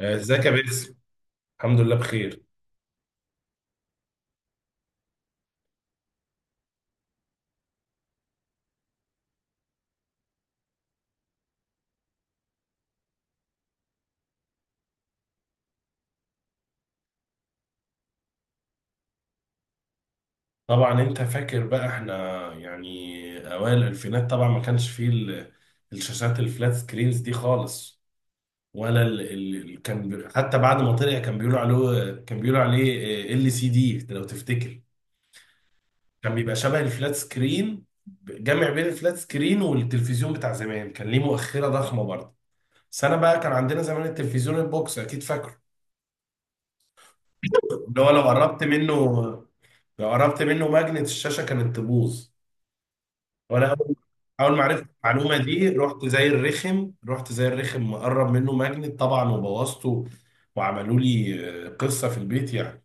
ازيك يا باسم. الحمد لله بخير. طبعا انت فاكر بقى احنا يعني اوائل الالفينات، طبعا ما كانش فيه الشاشات الفلات سكرينز دي خالص، ولا ال كان حتى بعد ما طلع كان بيقولوا عليه ال سي دي لو تفتكر. كان بيبقى شبه الفلات سكرين، جمع بين الفلات سكرين والتلفزيون بتاع زمان، كان ليه مؤخرة ضخمة برضه. بس انا بقى كان عندنا زمان التلفزيون البوكس، اكيد فاكره. اللي هو لو قربت منه، لو قربت منه ماجنت الشاشة كانت تبوظ. وانا اول اول ما عرفت المعلومه دي رحت زي الرخم، مقرب منه ماجنت طبعا وبوظته. وعملوا لي قصه في البيت يعني.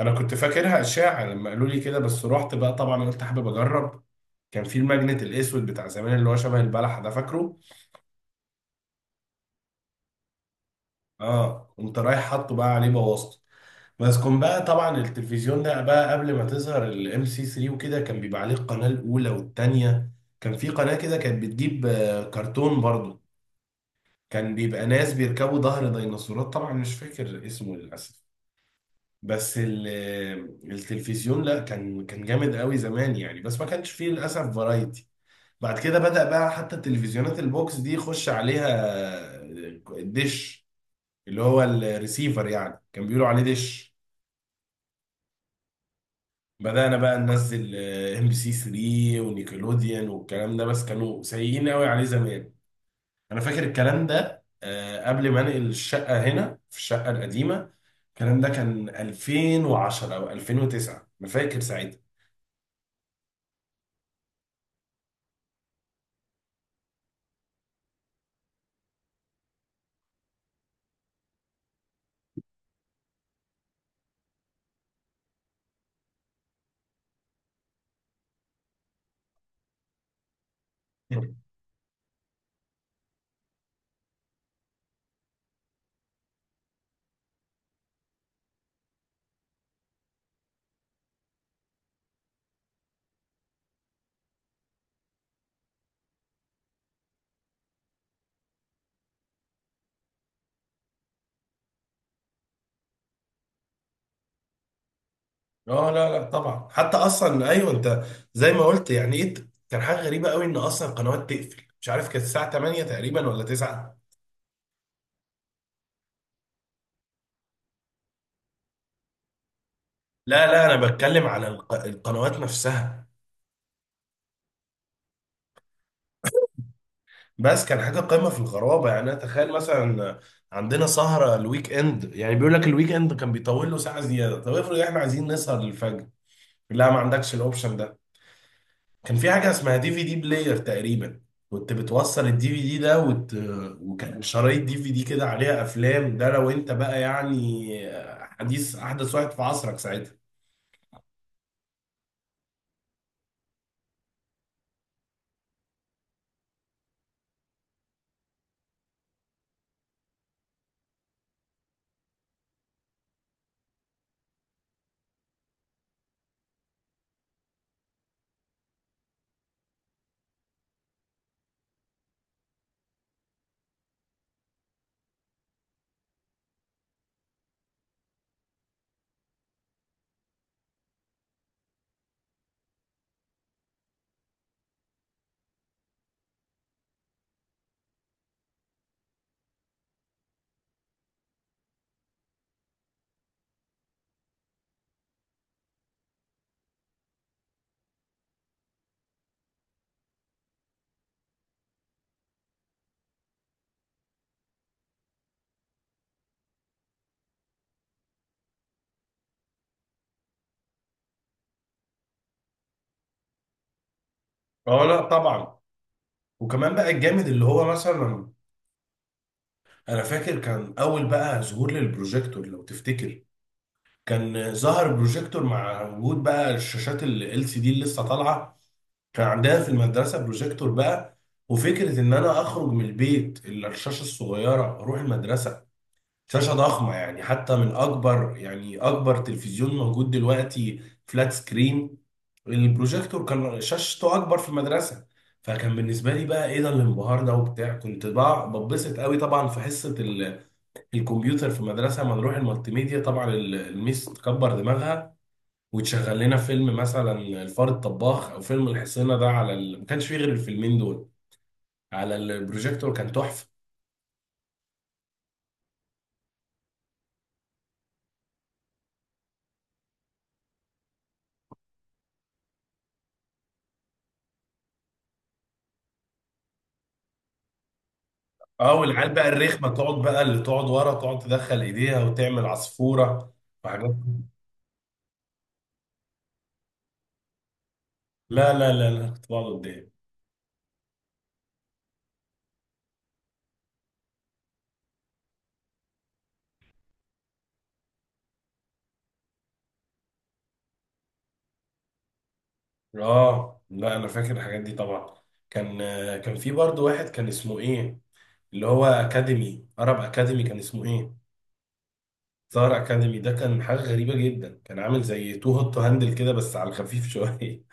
انا كنت فاكرها اشاعه لما قالوا لي كده، بس رحت بقى طبعا، قلت حابب اجرب. كان في الماجنت الاسود بتاع زمان، اللي هو شبه البلح ده، فاكره. اه، قمت رايح حاطه بقى عليه بوظته. بس كان بقى طبعا التلفزيون ده بقى قبل ما تظهر الام سي 3 وكده، كان بيبقى عليه القناه الاولى والثانيه. كان في قناه كده كانت بتجيب كرتون برضه، كان بيبقى ناس بيركبوا ظهر ديناصورات، طبعا مش فاكر اسمه للاسف. بس التلفزيون لا، كان جامد قوي زمان يعني، بس ما كانش فيه للاسف فرايتي. بعد كده بدأ بقى حتى التلفزيونات البوكس دي يخش عليها ديش، اللي هو الريسيفر يعني، كان بيقولوا عليه ديش. بدأنا بقى ننزل ام بي سي 3 ونيكلوديان والكلام ده، بس كانوا سيئين قوي عليه زمان. انا فاكر الكلام ده قبل ما انقل الشقه، هنا في الشقه القديمه. الكلام ده كان 2010 او 2009، انا فاكر ساعتها. اه لا لا طبعا، حتى اصلا ايوه انت زي ما قلت يعني ايه، كان حاجه غريبه قوي ان اصلا القنوات تقفل، مش عارف كانت الساعه 8 تقريبا ولا 9. لا لا، انا بتكلم على القنوات نفسها. بس كان حاجه قمه في الغرابه يعني. انا تخيل مثلا عندنا سهره الويك اند، يعني بيقول لك الويك اند كان بيطول له ساعه زياده، طب افرض احنا عايزين نسهر، لا ما عندكش الاوبشن ده. كان في حاجه اسمها دي في دي بلاير تقريبا، كنت بتوصل الدي في دي ده وكان شرايط دي في دي كده عليها افلام، ده لو انت بقى يعني حديث، احدث واحد في عصرك ساعتها. اه لا طبعا. وكمان بقى الجامد اللي هو مثلا، انا فاكر كان اول بقى ظهور للبروجيكتور لو تفتكر. كان ظهر بروجيكتور مع وجود بقى الشاشات ال LCD اللي لسه طالعه. كان عندنا في المدرسة بروجيكتور بقى، وفكرة إن أنا أخرج من البيت إلا الشاشة الصغيرة أروح المدرسة شاشة ضخمة، يعني حتى من أكبر، يعني أكبر تلفزيون موجود دلوقتي فلات سكرين، البروجيكتور كان شاشته أكبر في المدرسة. فكان بالنسبة لي بقى إيه ده الانبهار ده وبتاع، كنت بقى بتبسط قوي طبعا في حصة الكمبيوتر في المدرسة، لما نروح المالتي ميديا طبعا الميس تكبر دماغها وتشغل لنا فيلم مثلا الفار الطباخ او فيلم الحصينه ده على ما كانش فيه غير الفيلمين دول على البروجيكتور، كان تحفه. اه والعيال بقى الرخمه تقعد بقى، اللي تقعد ورا تقعد تدخل ايديها وتعمل عصفوره وحاجات. لا لا لا لا، كنت بقعد قدام. اه لا انا فاكر الحاجات دي طبعا. كان كان في برضه واحد كان اسمه ايه، اللي هو اكاديمي، عرب اكاديمي، كان اسمه ايه، ستار اكاديمي. ده كان حاجه غريبه جدا، كان عامل زي تو هوت تو هاندل كده بس على الخفيف شويه.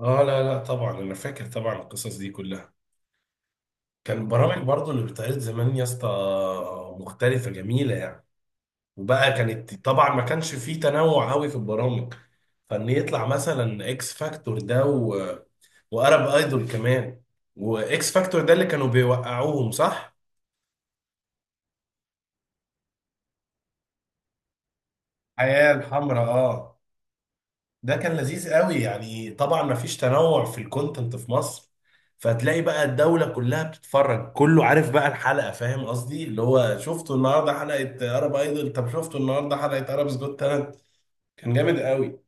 اه لا لا طبعا، انا فاكر طبعا القصص دي كلها. كان برامج برضو اللي بتعرض زمان يا اسطى مختلفة جميلة يعني. وبقى كانت طبعا ما كانش فيه تنوع قوي في البرامج، فان يطلع مثلا اكس فاكتور ده وارب ايدول كمان. واكس فاكتور ده اللي كانوا بيوقعوهم صح؟ حياة الحمراء، اه. ده كان لذيذ قوي يعني، طبعا ما فيش تنوع في الكونتنت في مصر، فتلاقي بقى الدولة كلها بتتفرج، كله عارف بقى الحلقة، فاهم قصدي؟ اللي هو شفتوا النهاردة حلقة عرب ايدل، طب شفتوا النهاردة حلقة عرب's جوت تالنت، كان جامد قوي.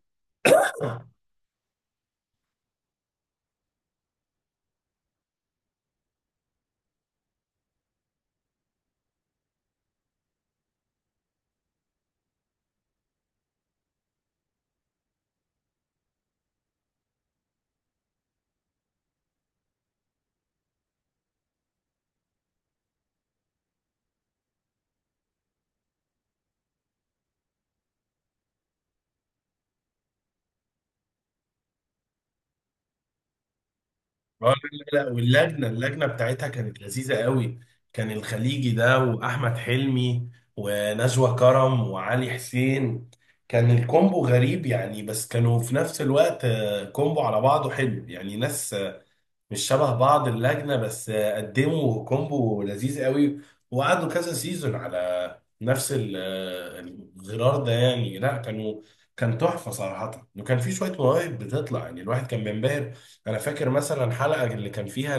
اه لا لا لا، واللجنة، اللجنة بتاعتها كانت لذيذة قوي. كان الخليجي ده وأحمد حلمي ونجوى كرم وعلي حسين، كان الكومبو غريب يعني، بس كانوا في نفس الوقت كومبو على بعضه حلو، يعني ناس مش شبه بعض اللجنة، بس قدموا كومبو لذيذ قوي، وقعدوا كذا سيزون على نفس الغرار ده يعني، لا كانوا، كان تحفة صراحة. وكان في شوية مواهب بتطلع يعني، الواحد كان بينبهر. أنا فاكر مثلا حلقة اللي كان فيها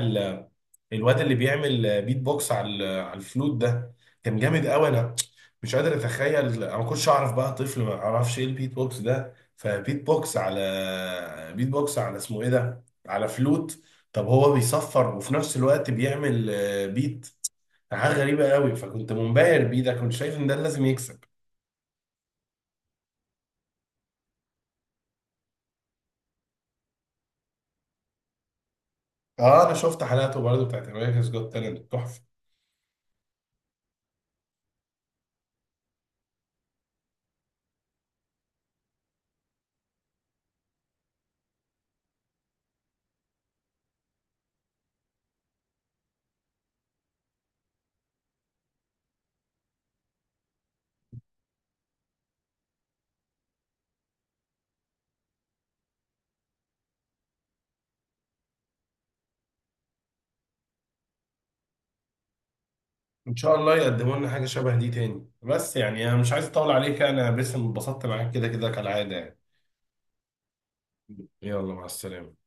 الواد اللي بيعمل بيت بوكس على على الفلوت ده، كان جامد قوي. انا مش قادر اتخيل، انا ما كنتش اعرف بقى طفل، ما اعرفش ايه البيت بوكس ده، فبيت بوكس على، اسمه ايه ده، على فلوت، طب هو بيصفر وفي نفس الوقت بيعمل بيت، حاجه غريبه قوي، فكنت منبهر بيه ده، كنت شايف ان ده لازم يكسب. اه انا شفت حلقاته برضه بتاعت امريكا's جوت تالنت، تحفه. ان شاء الله يقدموا لنا حاجه شبه دي تاني. بس يعني انا مش عايز اطول عليك، انا بس انبسطت معاك كده كده كالعاده يعني. يلا مع السلامة.